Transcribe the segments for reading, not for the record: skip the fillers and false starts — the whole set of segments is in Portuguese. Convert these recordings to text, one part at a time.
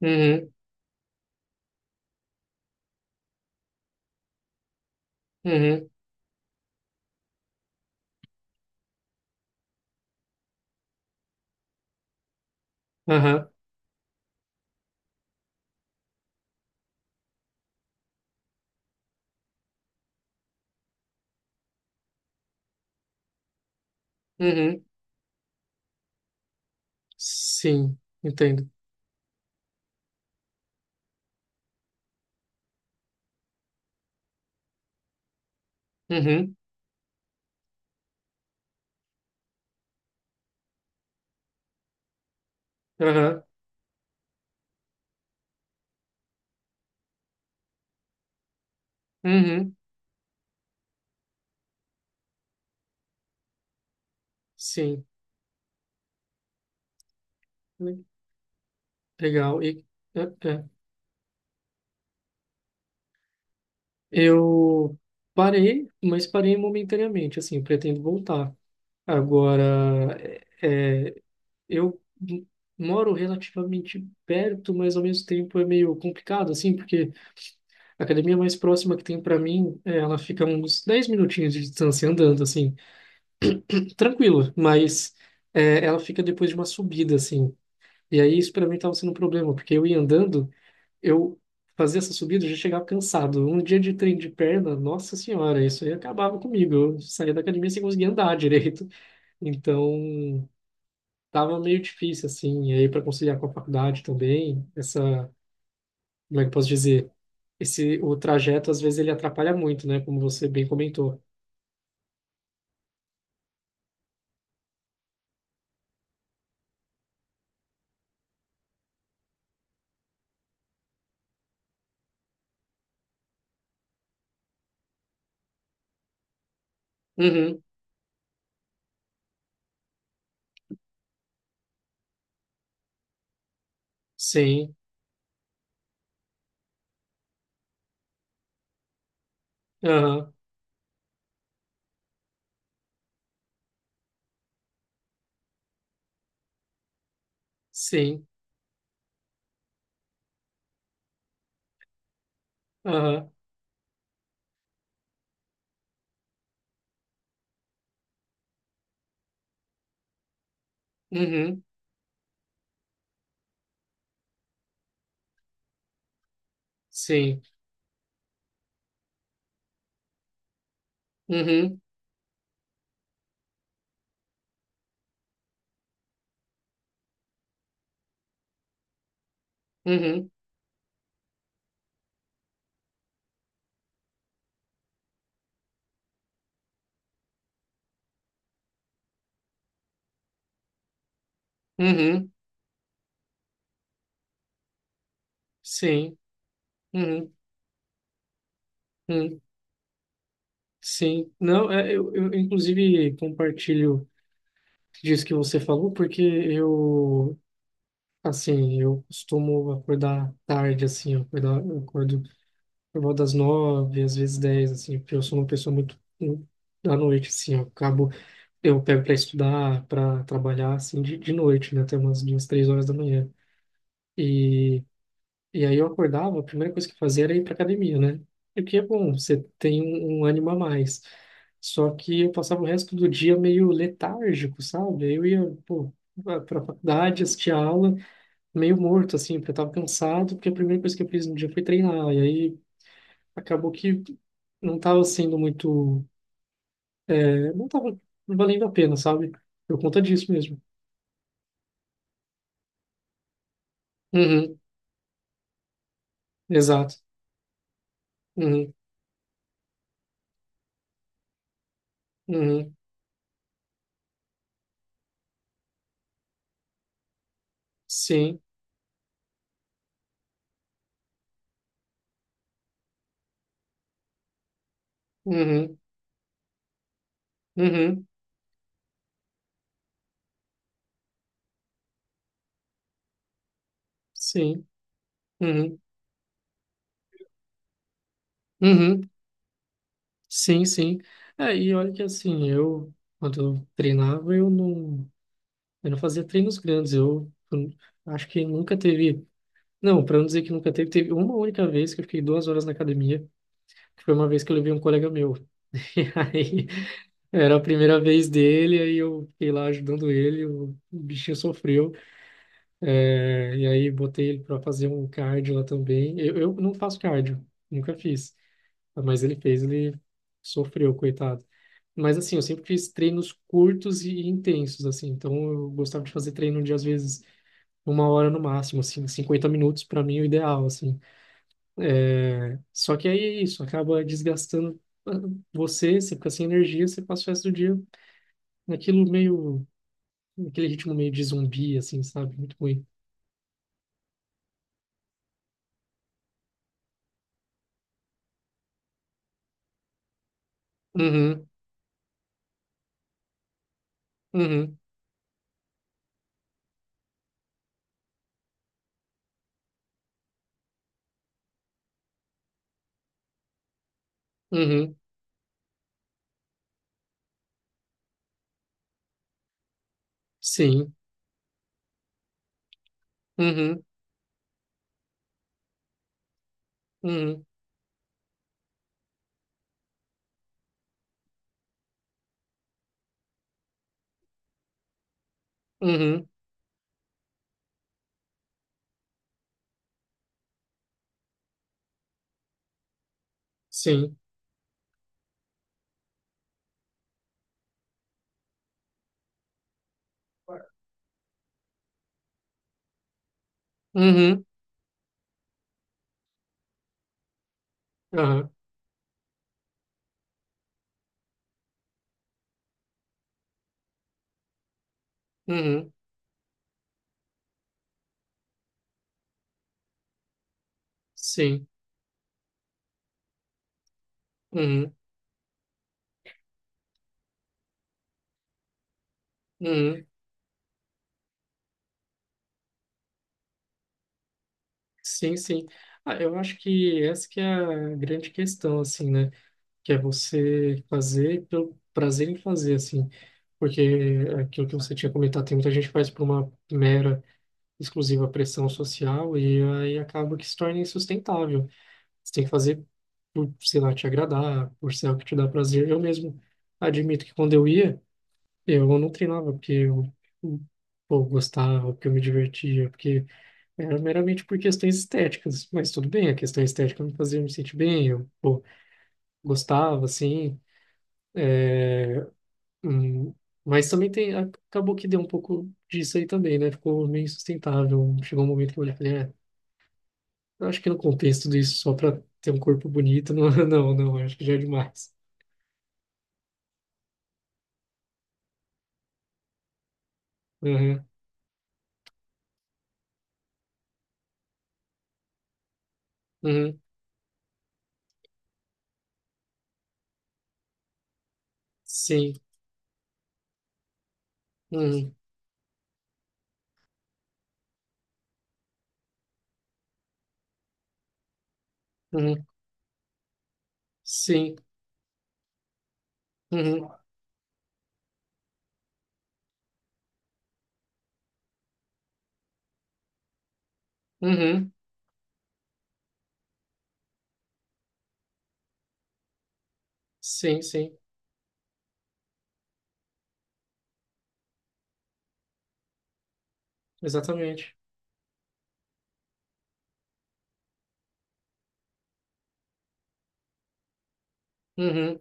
Uhum, uhum, aham, uhum, sim, entendo. Uhum, aham, uhum, sim, le- legal. E, é, é. Eu parei, mas parei momentaneamente, assim, pretendo voltar. Agora, é, é, eu m- moro relativamente perto, mas ao mesmo tempo é meio complicado, assim, porque a academia mais próxima que tem para mim, é, ela fica a uns 10 minutinhos de distância andando, assim, tranquila, mas é, ela fica depois de uma subida, assim. E aí isso para mim estava sendo um problema, porque eu ia andando, eu fazia essa subida, eu já chegava cansado. Um dia de trem de perna, nossa senhora, isso aí acabava comigo. Eu saía da academia sem conseguir andar direito. Então, tava meio difícil, assim. E aí para conciliar com a faculdade também, essa, como é que eu posso dizer? Esse, o trajeto, às vezes, ele atrapalha muito, né? Como você bem comentou. Uhum, sim, aham, sim, aham, uhum. Sim. Uhum, uhum, uhum, sim. Uhum, uhum, sim. Não, é, eu, inclusive, compartilho disso que você falou, porque eu, assim, eu costumo acordar tarde, assim, eu acordo por volta das nove, às vezes dez, assim, porque eu sou uma pessoa muito muito da noite, assim, eu acabo, eu pego para estudar, para trabalhar, assim, de noite, né, até umas duas, três horas da manhã. e E aí eu acordava, a primeira coisa que eu fazia era ir para academia, né? E o que é bom, você tem um ânimo a mais. Só que eu passava o resto do dia meio letárgico, sabe? Aí eu ia, pô, para faculdade, assistia aula, meio morto, assim, porque eu tava cansado, porque a primeira coisa que eu fiz no dia foi treinar. E aí acabou que não tava sendo muito, não tava valendo a pena, sabe? Por conta disso mesmo. Uhum, exato. Uhum, uhum, sim. Uhum, uhum, sim. Uhum, uhum. Sim, sim. É, e olha que assim, eu, quando eu treinava, eu não fazia treinos grandes. Eu acho que nunca teve. Não, para não dizer que nunca teve, teve uma única vez que eu fiquei 2 horas na academia, que foi uma vez que eu levei um colega meu. E aí, era a primeira vez dele, aí eu fiquei lá ajudando ele, o bichinho sofreu. É, e aí, botei ele para fazer um cardio lá também. Eu não faço cardio, nunca fiz. Mas ele fez, ele sofreu, coitado. Mas assim, eu sempre fiz treinos curtos e intensos, assim. Então eu gostava de fazer treino de às vezes uma hora no máximo, assim, 50 minutos para mim é o ideal, assim. Só que aí é isso, acaba desgastando ah, você fica sem energia, você passa o resto do dia naquilo meio, naquele ritmo meio de zumbi, assim, sabe? Muito ruim. Uhum, uhum, uhum, sim, uhum, uhum, uhum, sim. Uhum, aham, uhum, sim. Uhum, uhum. Sim, sim. Ah, eu acho que essa que é a grande questão, assim, né? Que é você fazer pelo prazer em fazer, assim. Porque aquilo que você tinha comentado, tem muita gente que faz por uma mera, exclusiva pressão social e aí acaba que se torna insustentável. Você tem que fazer por, sei lá, te agradar, por ser algo que te dá prazer. Eu mesmo admito que quando eu ia, eu não treinava porque eu, eu eu gostava, porque eu me divertia, porque era meramente por questões estéticas, mas tudo bem, a questão estética me fazia me sentir bem, eu, pô, gostava, assim, hum, mas também tem, acabou que deu um pouco disso aí também, né? Ficou meio insustentável, chegou um momento que eu olhei e falei, é, eu acho que não compensa tudo isso só pra ter um corpo bonito, não, não, não, acho que já é demais. Uhum, uhum, sim, uhum, uhum, sim, uhum, uhum, sim, sim, exatamente, uhum,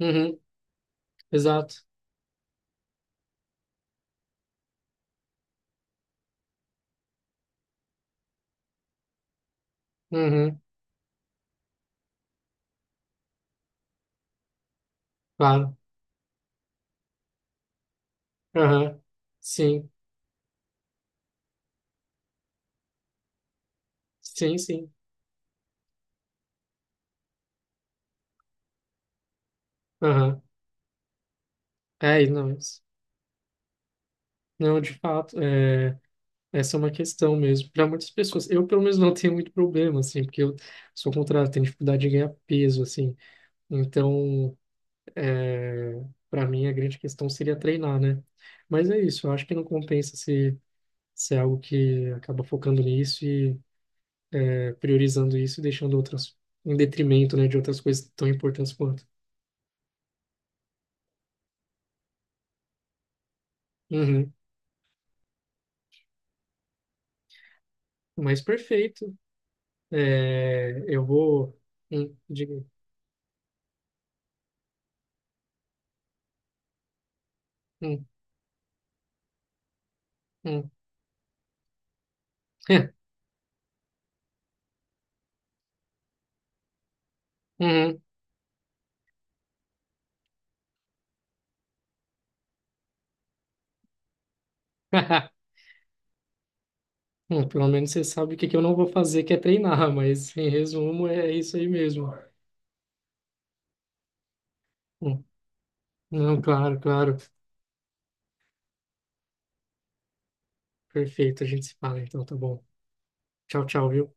uhum, exato, uhum, claro, aham, sim. Sim, sim. Aham. É, e não, não, de fato, é, essa é uma questão mesmo. Para muitas pessoas, eu pelo menos não tenho muito problema, assim, porque eu sou o contrário, tenho dificuldade de ganhar peso, assim. Então, para mim, a grande questão seria treinar, né? Mas é isso, eu acho que não compensa se, é algo que acaba focando nisso e é, priorizando isso e deixando outras em detrimento, né, de outras coisas tão importantes quanto. Uhum. Mas perfeito. É, eu vou. Diga. Hum, hum. Uhum. Hum, pelo menos você sabe o que que eu não vou fazer, que é treinar, mas em resumo é isso aí mesmo. Hum, não, claro, claro. Perfeito, a gente se fala então, tá bom. Tchau, tchau, viu?